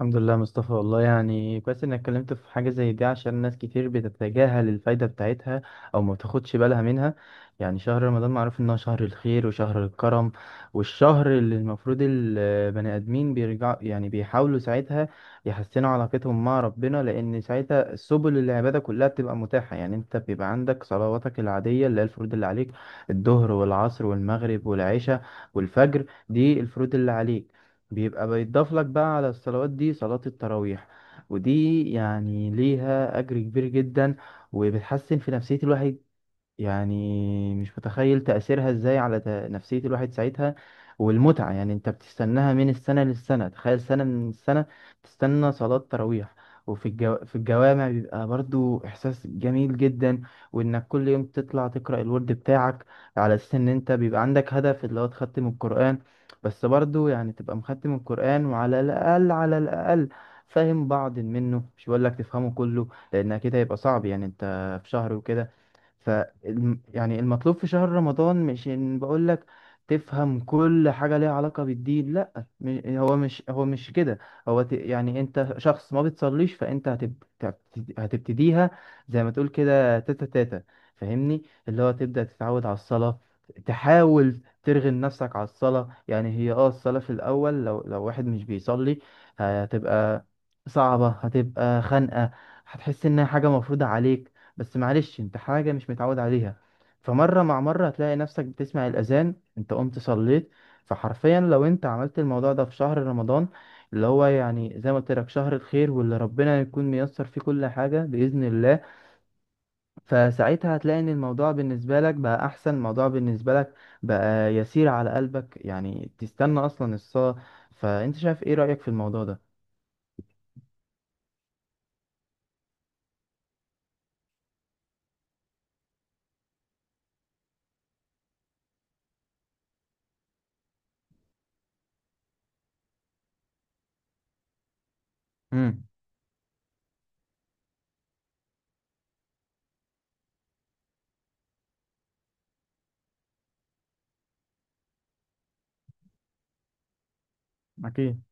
الحمد لله مصطفى، والله يعني كويس انك اتكلمت في حاجة زي دي عشان ناس كتير بتتجاهل الفايدة بتاعتها او ما بتاخدش بالها منها. يعني شهر رمضان معروف انه شهر الخير وشهر الكرم، والشهر اللي المفروض البني ادمين بيرجعوا يعني بيحاولوا ساعتها يحسنوا علاقتهم مع ربنا، لان ساعتها سبل العبادة كلها بتبقى متاحة. يعني انت بيبقى عندك صلواتك العادية اللي هي الفروض اللي عليك: الظهر والعصر والمغرب والعشاء والفجر، دي الفروض اللي عليك. بيبقى بيتضاف لك بقى على الصلوات دي صلاة التراويح، ودي يعني ليها أجر كبير جدا وبتحسن في نفسية الواحد. يعني مش متخيل تأثيرها ازاي على نفسية الواحد ساعتها. والمتعة يعني انت بتستناها من السنة للسنة، تخيل سنة من السنة بتستنى صلاة تراويح. وفي الجو... في الجوامع بيبقى برضو إحساس جميل جدا، وإنك كل يوم تطلع تقرأ الورد بتاعك على أساس إن أنت بيبقى عندك هدف اللي هو تختم القرآن. بس برضو يعني تبقى مختم القرآن وعلى الأقل على الأقل فاهم بعض منه، مش بقول لك تفهمه كله لأن كده يبقى صعب. يعني أنت في شهر وكده. يعني المطلوب في شهر رمضان مش ان بقول لك تفهم كل حاجة ليها علاقة بالدين، لا. هو مش كده. يعني انت شخص ما بتصليش، فانت هتبتديها. زي ما تقول كده تاتا تاتا. فاهمني اللي هو تبدأ تتعود على الصلاة، تحاول ترغم نفسك على الصلاة. يعني هي الصلاة في الأول، لو واحد مش بيصلي هتبقى صعبة، هتبقى خانقة، هتحس انها حاجة مفروضة عليك. بس معلش، انت حاجة مش متعود عليها. فمرة مع مرة هتلاقي نفسك بتسمع الأذان انت قمت صليت. فحرفيا لو انت عملت الموضوع ده في شهر رمضان، اللي هو يعني زي ما قلت لك شهر الخير واللي ربنا يكون ميسر فيه كل حاجة بإذن الله، فساعتها هتلاقي ان الموضوع بالنسبة لك بقى أحسن، الموضوع بالنسبة لك بقى يسير على قلبك، يعني تستنى أصلا الصلاة. فأنت شايف ايه رأيك في الموضوع ده؟ امم. أكيد.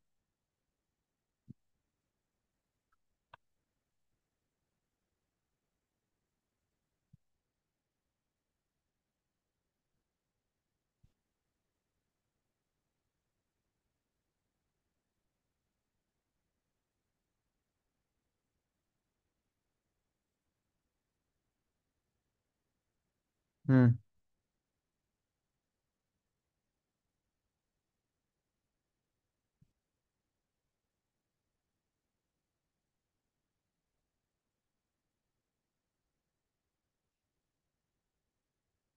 امم.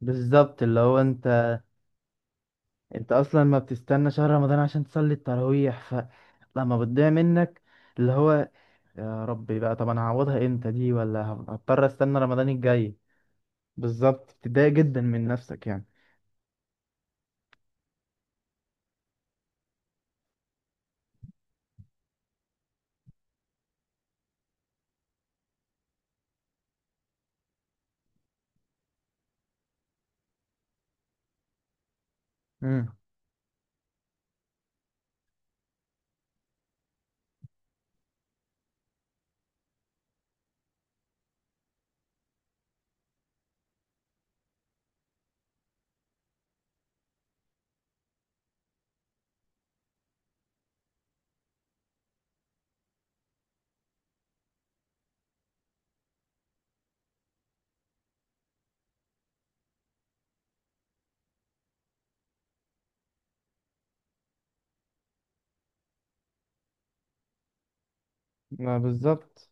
بالظبط، اللي هو انت، اصلا ما بتستنى شهر رمضان عشان تصلي التراويح، فلما بتضيع منك اللي هو يا ربي بقى، طب انا هعوضها امتى دي، ولا هضطر استنى رمضان الجاي؟ بالظبط، بتضايق جدا من نفسك يعني. امم. ما بالظبط.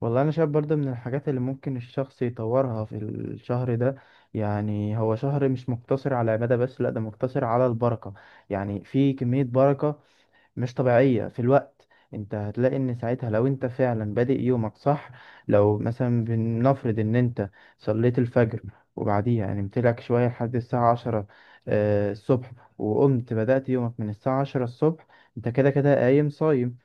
والله انا شايف برضه من الحاجات اللي ممكن الشخص يطورها في الشهر ده، يعني هو شهر مش مقتصر على العبادة بس، لا ده مقتصر على البركة. يعني في كمية بركة مش طبيعية في الوقت. انت هتلاقي ان ساعتها لو انت فعلا بادئ يومك صح، لو مثلا بنفرض ان انت صليت الفجر وبعديها نمت لك شوية لحد الساعة عشرة الصبح، وقمت بدأت يومك من الساعة عشرة الصبح، انت كده كده قايم صايم.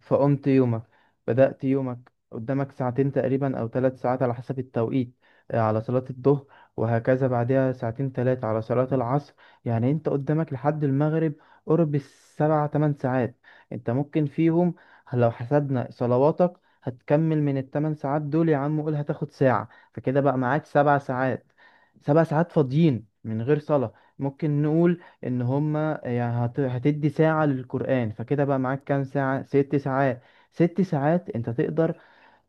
فقمت يومك، بدأت يومك، قدامك ساعتين تقريبا أو 3 ساعات على حسب التوقيت على صلاة الظهر، وهكذا بعدها ساعتين ثلاثة على صلاة العصر. يعني أنت قدامك لحد المغرب قرب السبع تمن ساعات. أنت ممكن فيهم، لو حسبنا صلواتك هتكمل من ال8 ساعات دول يا عم قول هتاخد ساعة، فكده بقى معاك 7 ساعات. 7 ساعات فاضيين من غير صلاة، ممكن نقول إن هما كده يعني هتدي ساعة للقرآن، فكده بقى معاك كام ساعة، 6 ساعات. 6 ساعات انت تقدر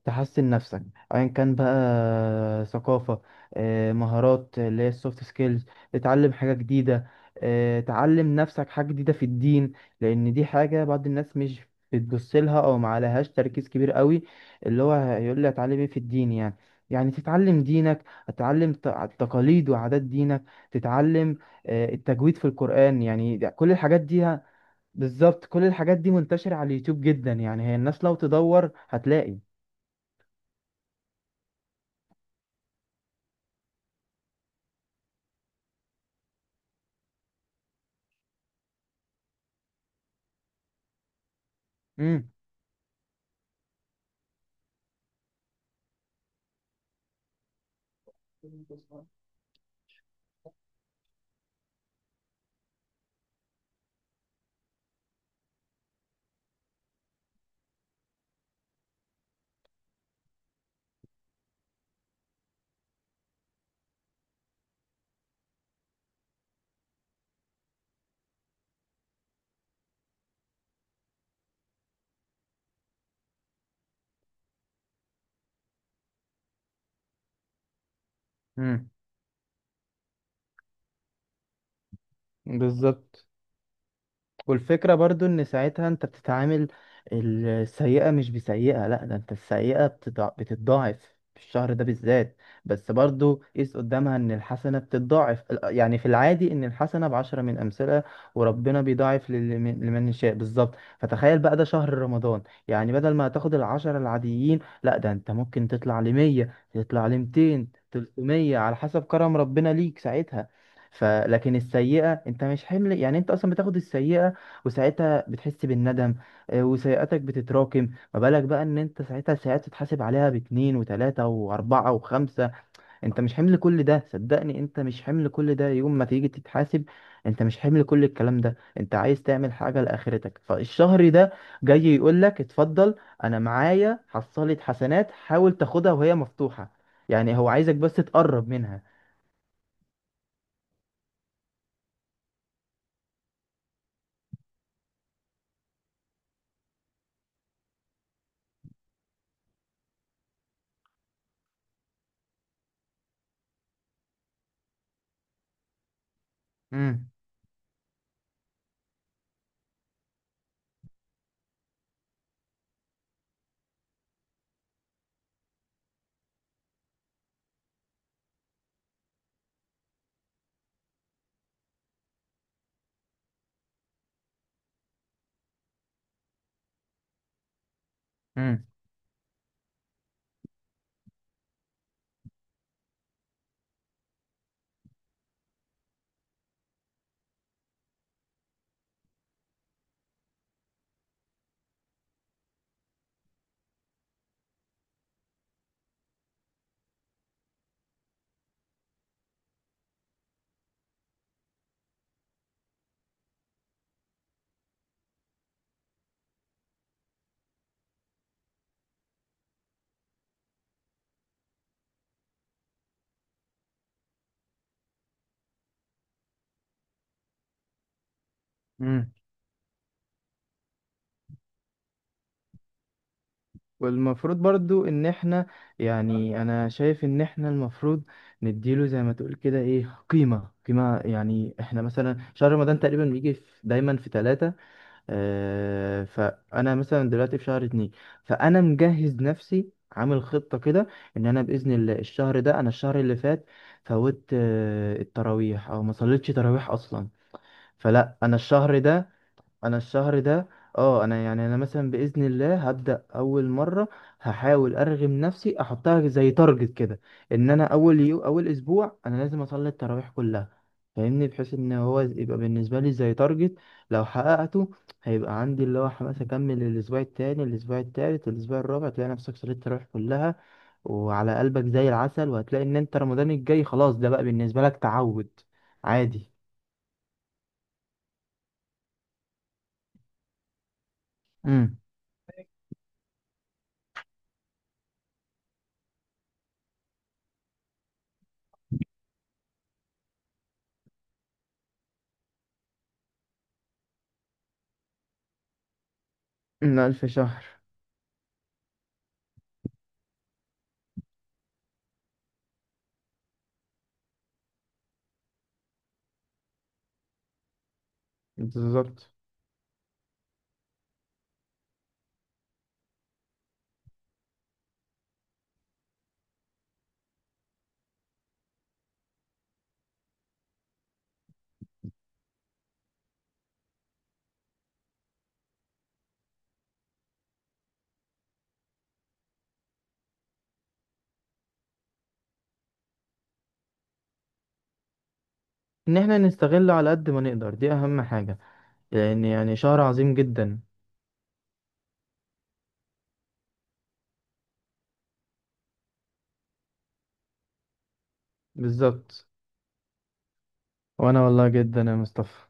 تحسن نفسك، ايا كان بقى، ثقافة، مهارات اللي هي السوفت سكيلز، تتعلم حاجة جديدة، تعلم نفسك حاجة جديدة في الدين، لان دي حاجة بعض الناس مش بتبص لها او ما عليهاش تركيز كبير قوي. اللي هو هيقول لي اتعلم ايه في الدين يعني؟ يعني تتعلم دينك، تتعلم تقاليد وعادات دينك، تتعلم التجويد في القرآن، يعني كل الحاجات دي بالظبط. كل الحاجات دي منتشرة على اليوتيوب جدا، يعني هي الناس لو تدور هتلاقي. مم. امم. بالظبط. والفكرة برضو ان ساعتها انت بتتعامل السيئة مش بسيئة، لا ده انت السيئة بتتضاعف في الشهر ده بالذات. بس برضو قيس قدامها ان الحسنة بتتضاعف، يعني في العادي ان الحسنة ب10 من امثلة، وربنا بيضاعف لمن يشاء، بالظبط. فتخيل بقى ده شهر رمضان، يعني بدل ما هتاخد ال10 العاديين، لا ده انت ممكن تطلع 100، تطلع 200، 300، على حسب كرم ربنا ليك ساعتها. فلكن السيئة انت مش حمل، يعني انت اصلا بتاخد السيئة وساعتها بتحس بالندم. وسيئاتك بتتراكم، ما بالك بقى ان انت ساعتها ساعات تتحاسب عليها باتنين وتلاتة واربعة وخمسة؟ انت مش حمل كل ده، صدقني انت مش حمل كل ده يوم ما تيجي تتحاسب، انت مش حمل كل الكلام ده. انت عايز تعمل حاجة لاخرتك، فالشهر ده جاي يقولك اتفضل، انا معايا حصلت حسنات، حاول تاخدها وهي مفتوحة. يعني هو عايزك بس تقرب منها. امم، امم. والمفروض برضو ان احنا، يعني انا شايف ان احنا المفروض نديله زي ما تقول كده ايه قيمة، قيمة يعني. احنا مثلا شهر رمضان تقريبا بيجي في دايما في ثلاثة، اه فانا مثلا دلوقتي في شهر اتنين، فانا مجهز نفسي عامل خطة كده ان انا بإذن الله الشهر ده، انا الشهر اللي فات فوت التراويح او ما صليتش تراويح اصلا، فلا انا الشهر ده، انا الشهر ده اه انا يعني انا مثلا باذن الله هبدا اول مره، هحاول ارغم نفسي احطها زي تارجت كده ان انا اول اسبوع انا لازم اصلي التراويح كلها. فاهمني، بحيث ان هو يبقى بالنسبه لي زي تارجت، لو حققته هيبقى عندي اللي هو حماس اكمل الاسبوع التاني، الاسبوع التالت، الاسبوع الرابع، تلاقي نفسك صليت التراويح كلها وعلى قلبك زي العسل، وهتلاقي ان انت رمضان الجاي خلاص ده بقى بالنسبه لك تعود عادي. امم. من 1000 شهر. بالظبط، ان احنا نستغله على قد ما نقدر دي اهم حاجة، لان يعني شهر عظيم جدا. بالظبط، وانا والله جدا يا مصطفى،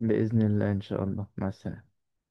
بإذن الله، ان شاء الله، مع السلامة.